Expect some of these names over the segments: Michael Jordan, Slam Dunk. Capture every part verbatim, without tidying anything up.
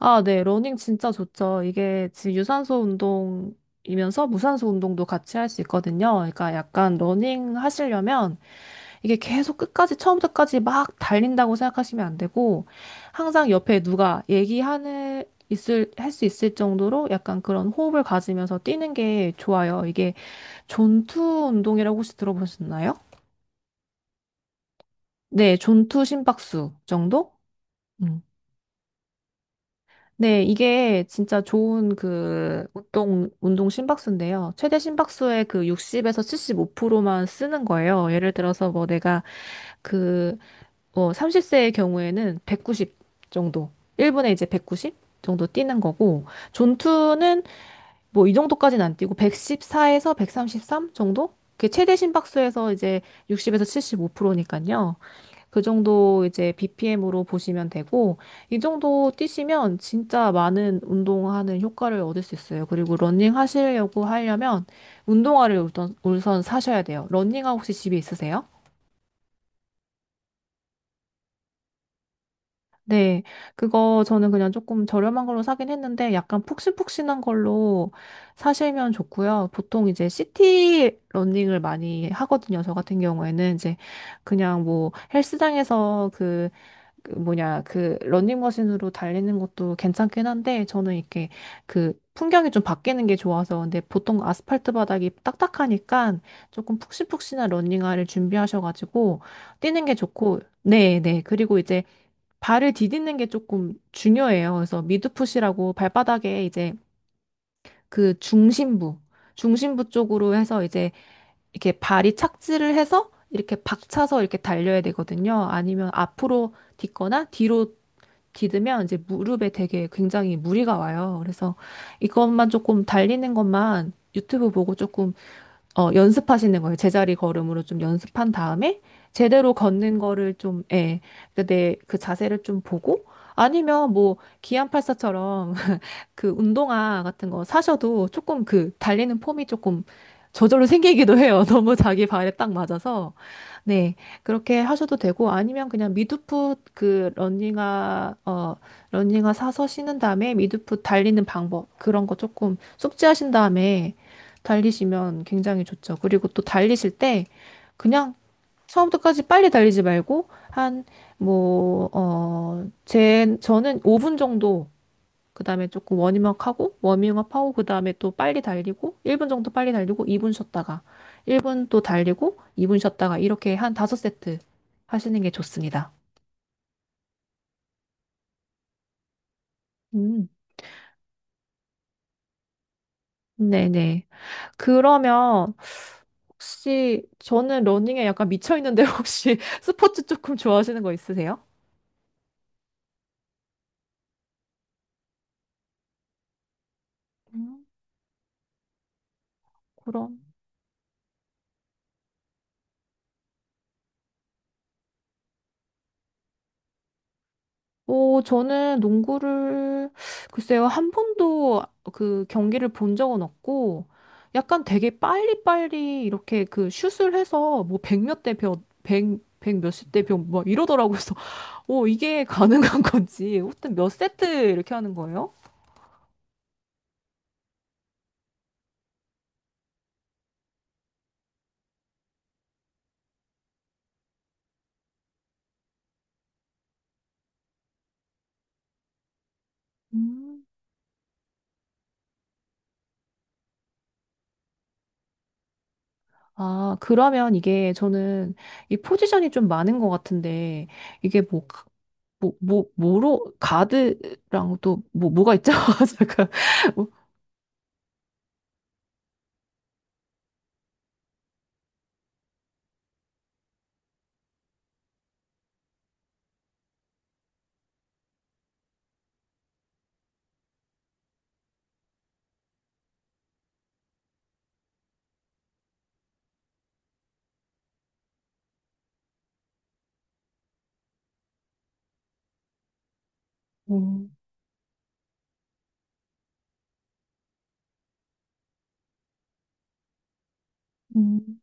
아, 네. 러닝 진짜 좋죠. 이게 지금 유산소 운동이면서 무산소 운동도 같이 할 수 있거든요. 그러니까 약간 러닝 하시려면 이게 계속 끝까지 처음부터까지 막 달린다고 생각하시면 안 되고 항상 옆에 누가 얘기하는 있을 할 수 있을 정도로 약간 그런 호흡을 가지면서 뛰는 게 좋아요. 이게 존투 운동이라고 혹시 들어보셨나요? 네, 존투 심박수 정도? 음. 네, 이게 진짜 좋은 그 운동, 운동 심박수인데요. 최대 심박수의 그 육십에서 칠십오 퍼센트만 쓰는 거예요. 예를 들어서 뭐 내가 그, 뭐 삼십 세의 경우에는 백구십 정도, 일 분에 이제 백구십 정도 뛰는 거고, 존투는 뭐 이 정도까지는 안 뛰고 백십사에서 백삼십삼 정도? 그게 최대 심박수에서 이제 육십에서 칠십오 퍼센트니까요. 그 정도 이제 비피엠으로 보시면 되고, 이 정도 뛰시면 진짜 많은 운동하는 효과를 얻을 수 있어요. 그리고 러닝 하시려고 하려면 운동화를 우선, 우선 사셔야 돼요. 러닝화 혹시 집에 있으세요? 네, 그거 저는 그냥 조금 저렴한 걸로 사긴 했는데 약간 푹신푹신한 걸로 사시면 좋고요. 보통 이제 시티 러닝을 많이 하거든요. 저 같은 경우에는 이제 그냥 뭐 헬스장에서 그 그 뭐냐, 그 러닝머신으로 달리는 것도 괜찮긴 한데, 저는 이렇게 그 풍경이 좀 바뀌는 게 좋아서, 근데 보통 아스팔트 바닥이 딱딱하니까 조금 푹신푹신한 러닝화를 준비하셔가지고, 뛰는 게 좋고, 네, 네. 그리고 이제 발을 디디는 게 조금 중요해요. 그래서 미드풋이라고 발바닥에 이제 그 중심부, 중심부 쪽으로 해서 이제 이렇게 발이 착지를 해서 이렇게 박차서 이렇게 달려야 되거든요. 아니면 앞으로 딛거나 뒤로 디디면 이제 무릎에 되게 굉장히 무리가 와요. 그래서 이것만 조금 달리는 것만 유튜브 보고 조금 어, 연습하시는 거예요. 제자리 걸음으로 좀 연습한 다음에 제대로 걷는 거를 좀, 예, 내그 자세를 좀 보고 아니면 뭐 기안팔사처럼 그 운동화 같은 거 사셔도 조금 그 달리는 폼이 조금 저절로 생기기도 해요. 너무 자기 발에 딱 맞아서. 네, 그렇게 하셔도 되고 아니면 그냥 미드풋 그 러닝화 어 러닝화 사서 신은 다음에 미드풋 달리는 방법 그런 거 조금 숙지하신 다음에 달리시면 굉장히 좋죠. 그리고 또 달리실 때 그냥 처음부터까지 빨리 달리지 말고 한 뭐 어 제 저는 오 분 정도 그다음에 조금 워밍업 하고 워밍업 하고 그다음에 또 빨리 달리고 일 분 정도 빨리 달리고 이 분 쉬었다가 일 분 또 달리고 이 분 쉬었다가 이렇게 한 오 세트 하시는 게 좋습니다. 음. 네네. 그러면 혹시 저는 러닝에 약간 미쳐 있는데 혹시 스포츠 조금 좋아하시는 거 있으세요? 음. 그럼 어, 저는 농구를, 글쎄요, 한 번도 그 경기를 본 적은 없고, 약간 되게 빨리빨리 이렇게 그 슛을 해서 뭐 백몇 대 몇, 백, 백 몇십 대 몇, 막 이러더라고요. 그래서, 어, 이게 가능한 건지, 하여튼 몇 세트 이렇게 하는 거예요? 음. 아, 그러면 이게 저는 이 포지션이 좀 많은 것 같은데, 이게 뭐, 가- 뭐, 뭐, 뭐로, 가드랑 또, 뭐, 뭐가 있죠? 잠깐. 뭐, 음,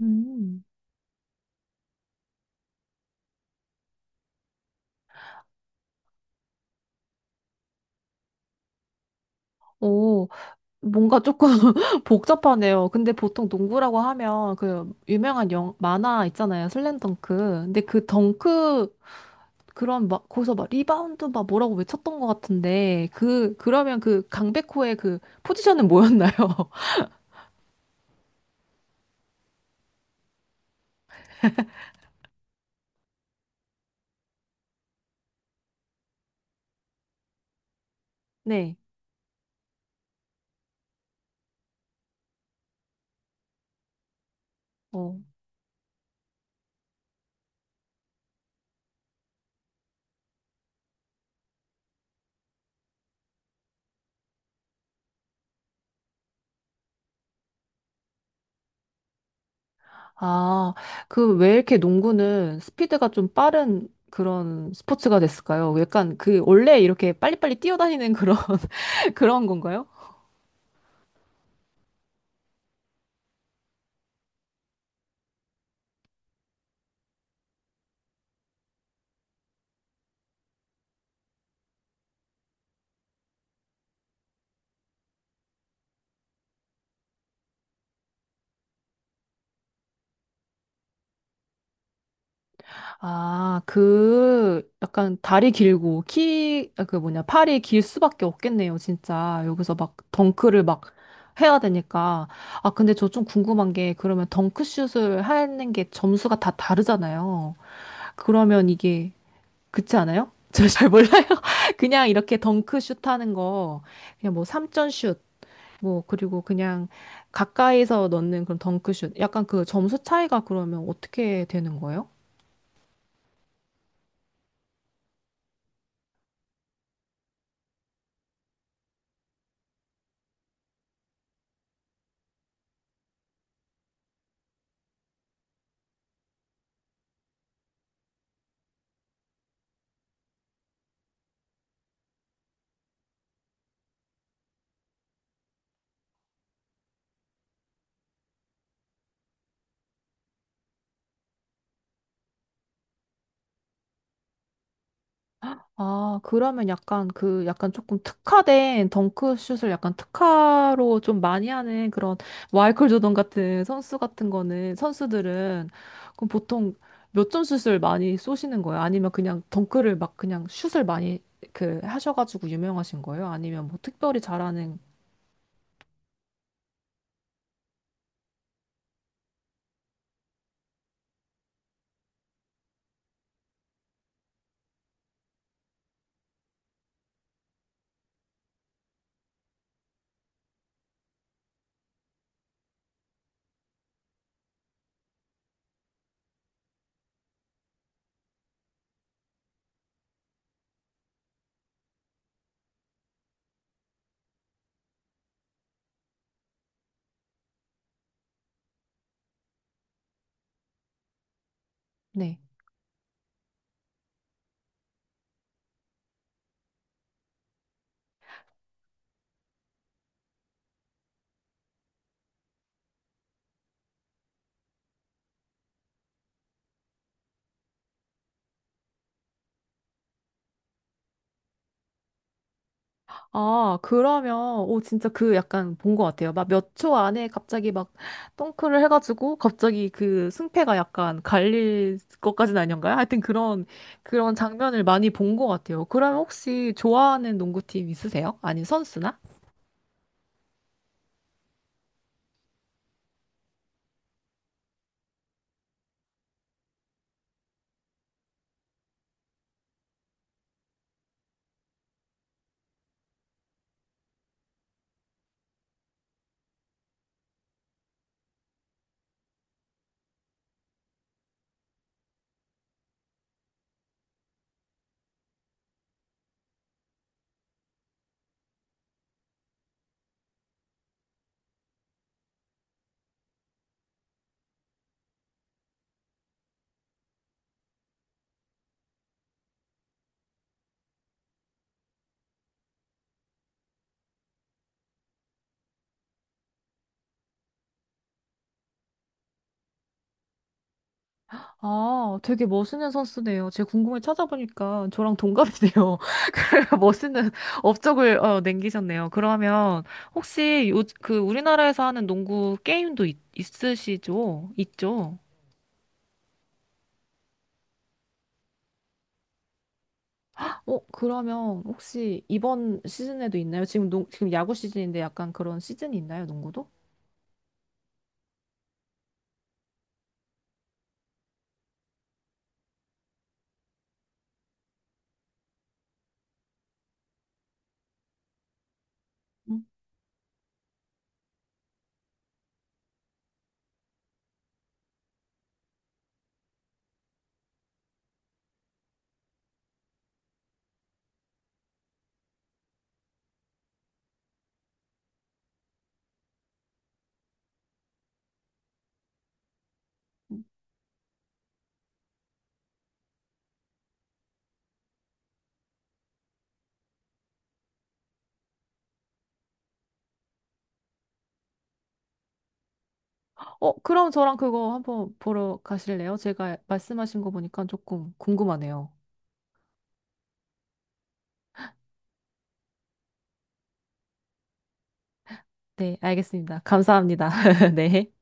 음. 오, 뭔가 조금 복잡하네요. 근데 보통 농구라고 하면 그 유명한 영, 만화 있잖아요. 슬램덩크. 근데 그 덩크 그런 막 거기서 막 리바운드 막 뭐라고 외쳤던 것 같은데 그 그러면 그 강백호의 그 포지션은 뭐였나요? 네. 어. 아, 그 왜 이렇게 농구는 스피드가 좀 빠른 그런 스포츠가 됐을까요? 약간 그 원래 이렇게 빨리빨리 뛰어다니는 그런 그런 건가요? 아, 그, 약간 다리 길고, 키, 아, 그 뭐냐, 팔이 길 수밖에 없겠네요, 진짜. 여기서 막 덩크를 막 해야 되니까. 아, 근데 저 좀 궁금한 게, 그러면 덩크슛을 하는 게 점수가 다 다르잖아요. 그러면 이게, 그렇지 않아요? 저 잘 몰라요. 그냥 이렇게 덩크슛 하는 거, 그냥 뭐 삼 점 슛, 뭐, 그리고 그냥 가까이서 넣는 그런 덩크슛. 약간 그 점수 차이가 그러면 어떻게 되는 거예요? 아, 그러면 약간 그 약간 조금 특화된 덩크슛을 약간 특화로 좀 많이 하는 그런 마이클 조던 같은 선수 같은 거는 선수들은 그럼 보통 몇 점 슛을 많이 쏘시는 거예요? 아니면 그냥 덩크를 막 그냥 슛을 많이 그 하셔가지고 유명하신 거예요? 아니면 뭐 특별히 잘하는 네. 아, 그러면, 오, 진짜 그 약간 본 것 같아요. 막 몇 초 안에 갑자기 막 덩크를 해가지고 갑자기 그 승패가 약간 갈릴 것까지는 아닌가요? 하여튼 그런, 그런 장면을 많이 본 것 같아요. 그럼 혹시 좋아하는 농구팀 있으세요? 아니, 선수나? 아, 되게 멋있는 선수네요. 제가 궁금해 찾아보니까 저랑 동갑이네요. 그래서 멋있는 업적을 어, 남기셨네요. 그러면 혹시 요, 그 우리나라에서 하는 농구 게임도 있, 있으시죠? 있죠? 어, 그러면 혹시 이번 시즌에도 있나요? 지금 농, 지금 야구 시즌인데 약간 그런 시즌이 있나요, 농구도? 음. 어, 그럼 저랑 그거 한번 보러 가실래요? 제가 말씀하신 거 보니까 조금 궁금하네요. 네, 알겠습니다. 감사합니다. 네.